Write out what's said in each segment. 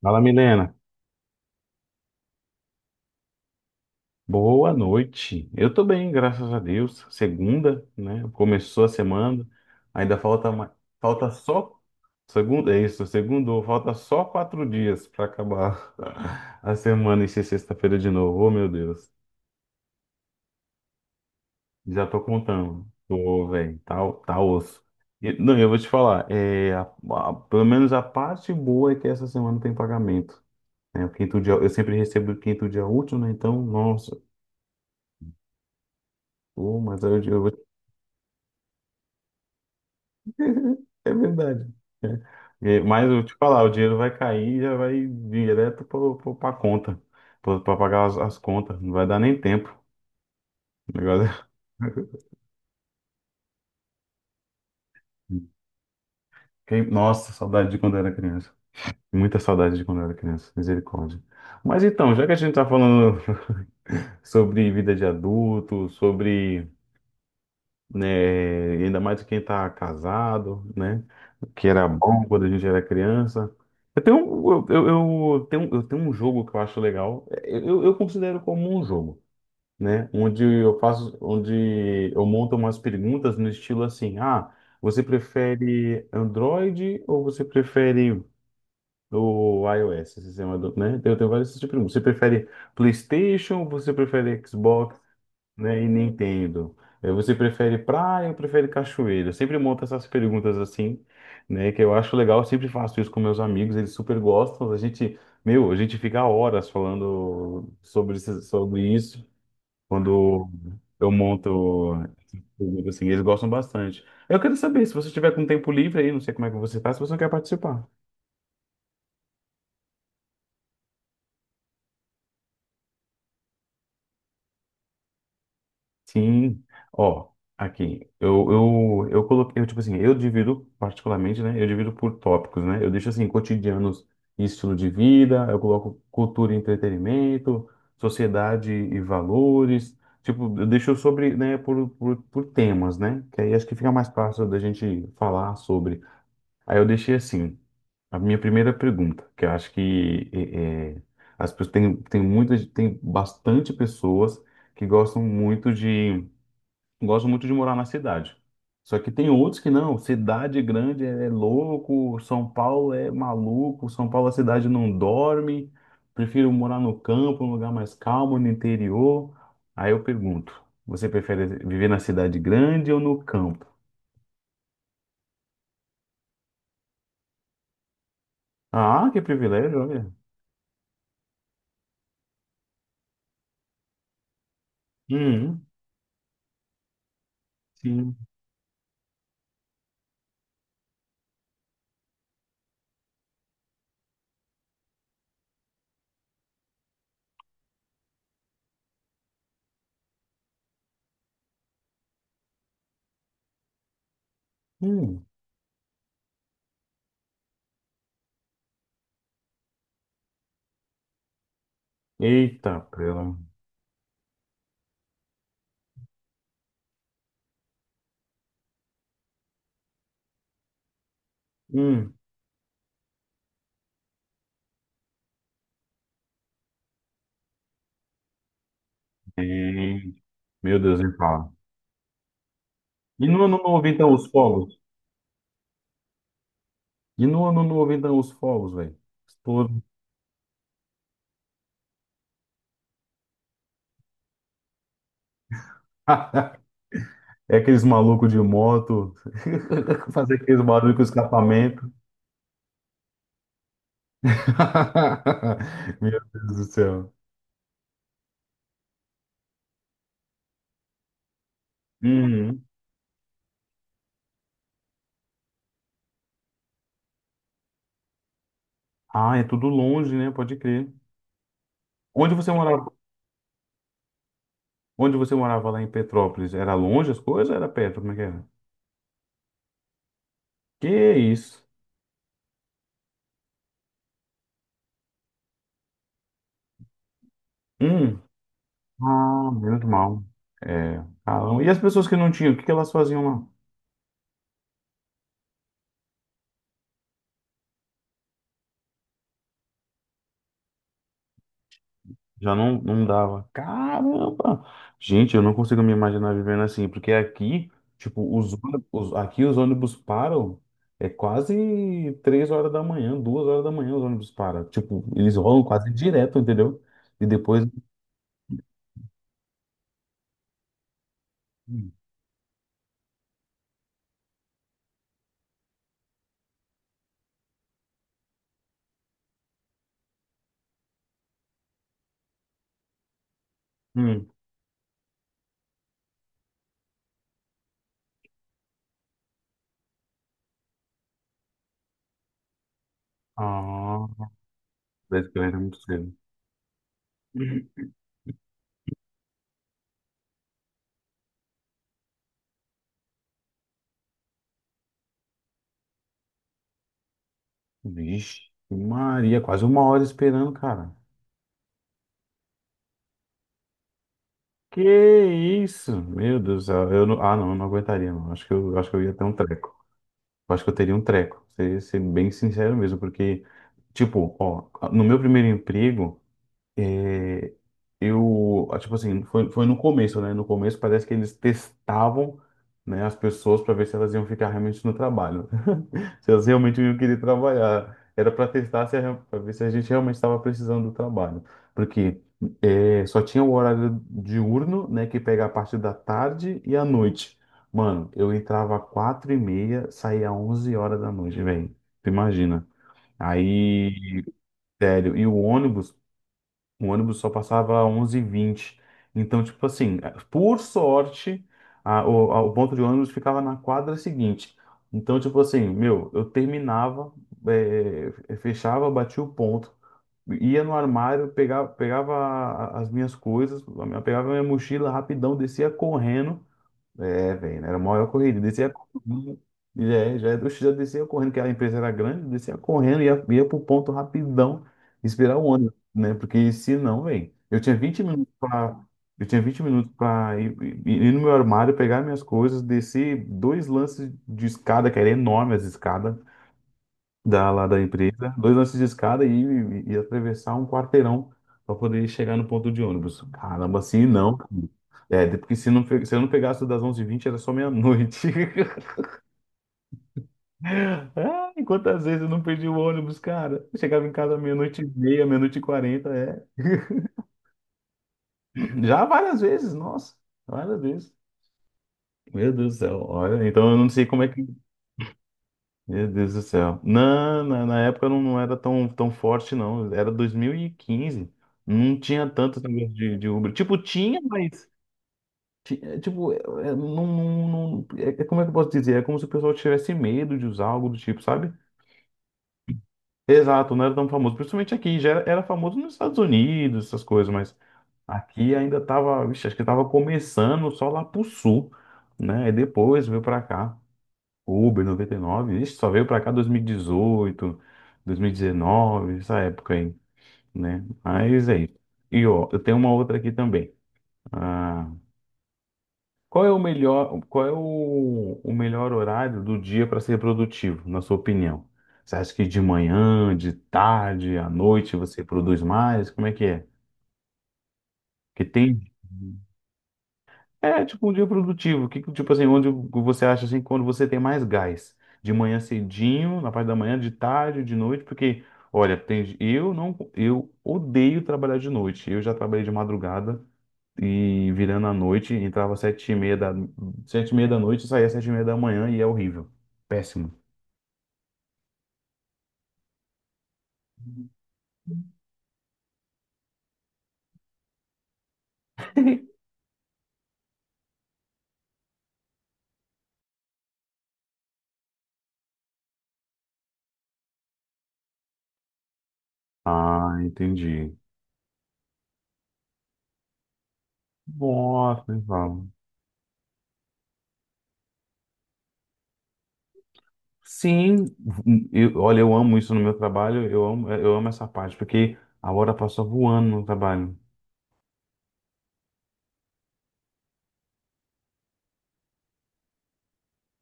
Fala, Milena. Boa noite. Eu tô bem, graças a Deus. Segunda, né? Começou a semana. Ainda falta mais, falta só segunda, é isso, segundo, falta só 4 dias para acabar a semana e ser sexta-feira de novo. Oh, meu Deus. Já tô contando. Tô, velho, tá osso. E, não, eu vou te falar, é, pelo menos a parte boa é que essa semana tem pagamento. Né? O quinto dia, eu sempre recebo o quinto dia útil, né? Então, nossa, pô, mas eu vou te É verdade. É. É, mas eu te falar, o dinheiro vai cair e já vai direto para a conta, para pagar as contas. Não vai dar nem tempo. O negócio é- Nossa, saudade de quando eu era criança. Muita saudade de quando eu era criança. Misericórdia. Mas então, já que a gente está falando sobre vida de adulto, sobre, né? Ainda mais quem tá casado, né? Que era, uhum, bom quando a gente era criança. Eu tenho um jogo que eu acho legal. É, eu considero como um jogo, né? Onde eu faço, onde eu monto umas perguntas no estilo assim, ah, você prefere Android ou você prefere o iOS, esse sistema do, né? Eu tenho vários tipos de perguntas. Você prefere PlayStation ou você prefere Xbox? Né? E Nintendo. Eh, você prefere praia ou prefere cachoeira? Eu sempre monto essas perguntas assim, né? Que eu acho legal, eu sempre faço isso com meus amigos, eles super gostam. A gente, meu, a gente fica horas falando sobre, sobre isso quando eu monto, perguntas assim, eles gostam bastante. Eu quero saber, se você tiver com tempo livre aí, não sei como é que você faz, se você não quer participar. Sim, ó, aqui, eu coloquei, eu, tipo assim, eu divido particularmente, né, eu divido por tópicos, né, eu deixo assim, cotidianos e estilo de vida, eu coloco cultura e entretenimento, sociedade e valores, tipo, eu deixo sobre, né, por temas, né, que aí acho que fica mais fácil da gente falar sobre. Aí eu deixei assim, a minha primeira pergunta, que eu acho que é, as pessoas, tem muitas, tem bastante pessoas que gostam muito de gosto muito de morar na cidade. Só que tem outros que não. Cidade grande é louco, São Paulo é maluco, São Paulo a cidade não dorme. Prefiro morar no campo, num lugar mais calmo, no interior. Aí eu pergunto, você prefere viver na cidade grande ou no campo? Ah, que privilégio, olha. Hum, sim. Hum. Eita, prela. Hum. É. Meu Deus, nem fala. E no ano novo, então, os fogos? E no ano novo, então, os fogos, velho? Estouro. É aqueles malucos de moto, fazer aqueles barulhos com escapamento. Meu Deus do céu. Uhum. Ah, é tudo longe, né? Pode crer. Onde você morava? Onde você morava lá em Petrópolis? Era longe as coisas? Ou era perto? Como é que era? Que isso? Hum. Ah, menos mal. É. Caramba. E as pessoas que não tinham, o que que elas faziam lá? Já não, não dava. Caramba! Gente, eu não consigo me imaginar vivendo assim, porque aqui, tipo, os ônibus, aqui os ônibus param, é quase 3 horas da manhã, 2 horas da manhã os ônibus param. Tipo, eles rolam quase direto, entendeu? E depois. Hum. Ah, 10 km é muito cedo. Vixe, Maria, quase uma hora esperando, cara. Que isso? Meu Deus do céu. Eu não, ah, não, eu não aguentaria, não. Acho que eu ia ter um treco. Eu acho que eu teria um treco, ser bem sincero mesmo, porque, tipo, ó, no meu primeiro emprego, é, eu, ah, tipo assim, foi no começo, né? No começo parece que eles testavam, né, as pessoas para ver se elas iam ficar realmente no trabalho. Se elas realmente iam querer trabalhar. Era para testar se para ver se a gente realmente estava precisando do trabalho. Porque é, só tinha o horário diurno, né, que pega a parte da tarde e a noite. Mano, eu entrava às 4h30, saía às 11 horas da noite, velho. Tu imagina. Aí, sério, e o ônibus só passava 11h20. Então, tipo assim, por sorte, o ponto de ônibus ficava na quadra seguinte. Então, tipo assim, meu, eu terminava, fechava, batia o ponto, ia no armário, pegava, as minhas coisas, pegava a minha mochila rapidão, descia correndo, é, velho, era a maior corrida. Descia correndo. E é, já, oxe, já descia correndo, que a empresa era grande, descia correndo, ia pro ponto rapidão, esperar o ônibus, né? Porque se não, velho, eu tinha 20 minutos pra. Eu tinha 20 minutos pra ir, ir no meu armário, pegar minhas coisas, descer 2 lances de escada, que era enorme as escadas lá da empresa, 2 lances de escada e atravessar um quarteirão pra poder chegar no ponto de ônibus. Caramba, assim não. É, até porque se eu não pegasse o das 11h20 era só meia-noite. Ah, e quantas vezes eu não perdi o ônibus, cara? Eu chegava em casa meia-noite e meia, meia-noite e quarenta, é. Já várias vezes, nossa, várias vezes. Meu Deus do céu, olha, então eu não sei como é que. Meu Deus do céu. Na época não, era tão forte, não. Era 2015. Não tinha tanto esse negócio de Uber. Tipo, tinha, mas. Tipo, não, é como é que eu posso dizer? É como se o pessoal tivesse medo de usar algo do tipo, sabe? Exato, não era tão famoso. Principalmente aqui, já era famoso nos Estados Unidos, essas coisas, mas aqui ainda tava, vixe, acho que tava começando só lá pro sul, né? E depois veio pra cá, Uber 99 ixi, só veio pra cá dois mil e dezoito dois mil e 2019, essa época aí, né? Mas é isso. E ó, eu tenho uma outra aqui também. Qual é o melhor, qual é o melhor horário do dia para ser produtivo, na sua opinião? Você acha que de manhã, de tarde, à noite você produz mais? Como é? Que tem é tipo um dia produtivo. Que, tipo assim, onde você acha assim quando você tem mais gás? De manhã cedinho, na parte da manhã, de tarde, de noite, porque olha, tem, eu não eu odeio trabalhar de noite. Eu já trabalhei de madrugada e virando à noite, entrava 7h30 da, 7h30 da noite, saía 7h30 da manhã e é horrível. Péssimo. Ah, entendi. Nossa, Val. Sim, eu, olha, eu amo isso no meu trabalho, eu amo essa parte, porque a hora passa voando no trabalho.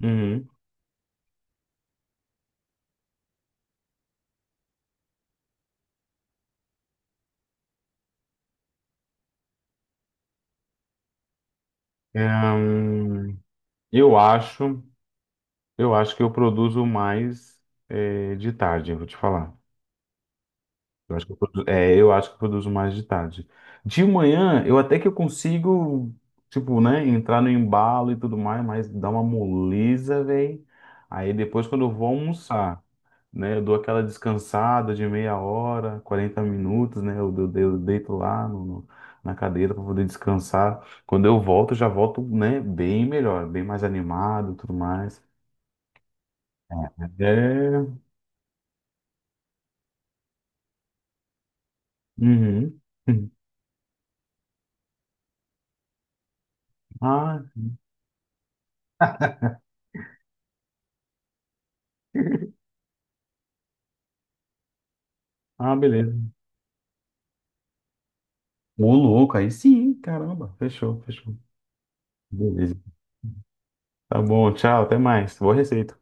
Uhum. É, hum, eu acho, eu acho que eu produzo mais, eh, de tarde, eu vou te falar. Eu acho que é, eu acho que eu produzo mais de tarde. De manhã, eu até que eu consigo, tipo, né, entrar no embalo e tudo mais, mas dá uma moleza, velho. Aí depois, quando eu vou almoçar, né, eu dou aquela descansada de meia hora, 40 minutos, né, eu deito lá no, na cadeira para poder descansar. Quando eu volto, eu já volto, né, bem melhor, bem mais animado e tudo mais. É. Uhum. Ah, ah, beleza. Ô, louco, aí sim, caramba. Fechou, fechou. Beleza. Tá bom, tchau, até mais. Boa receita.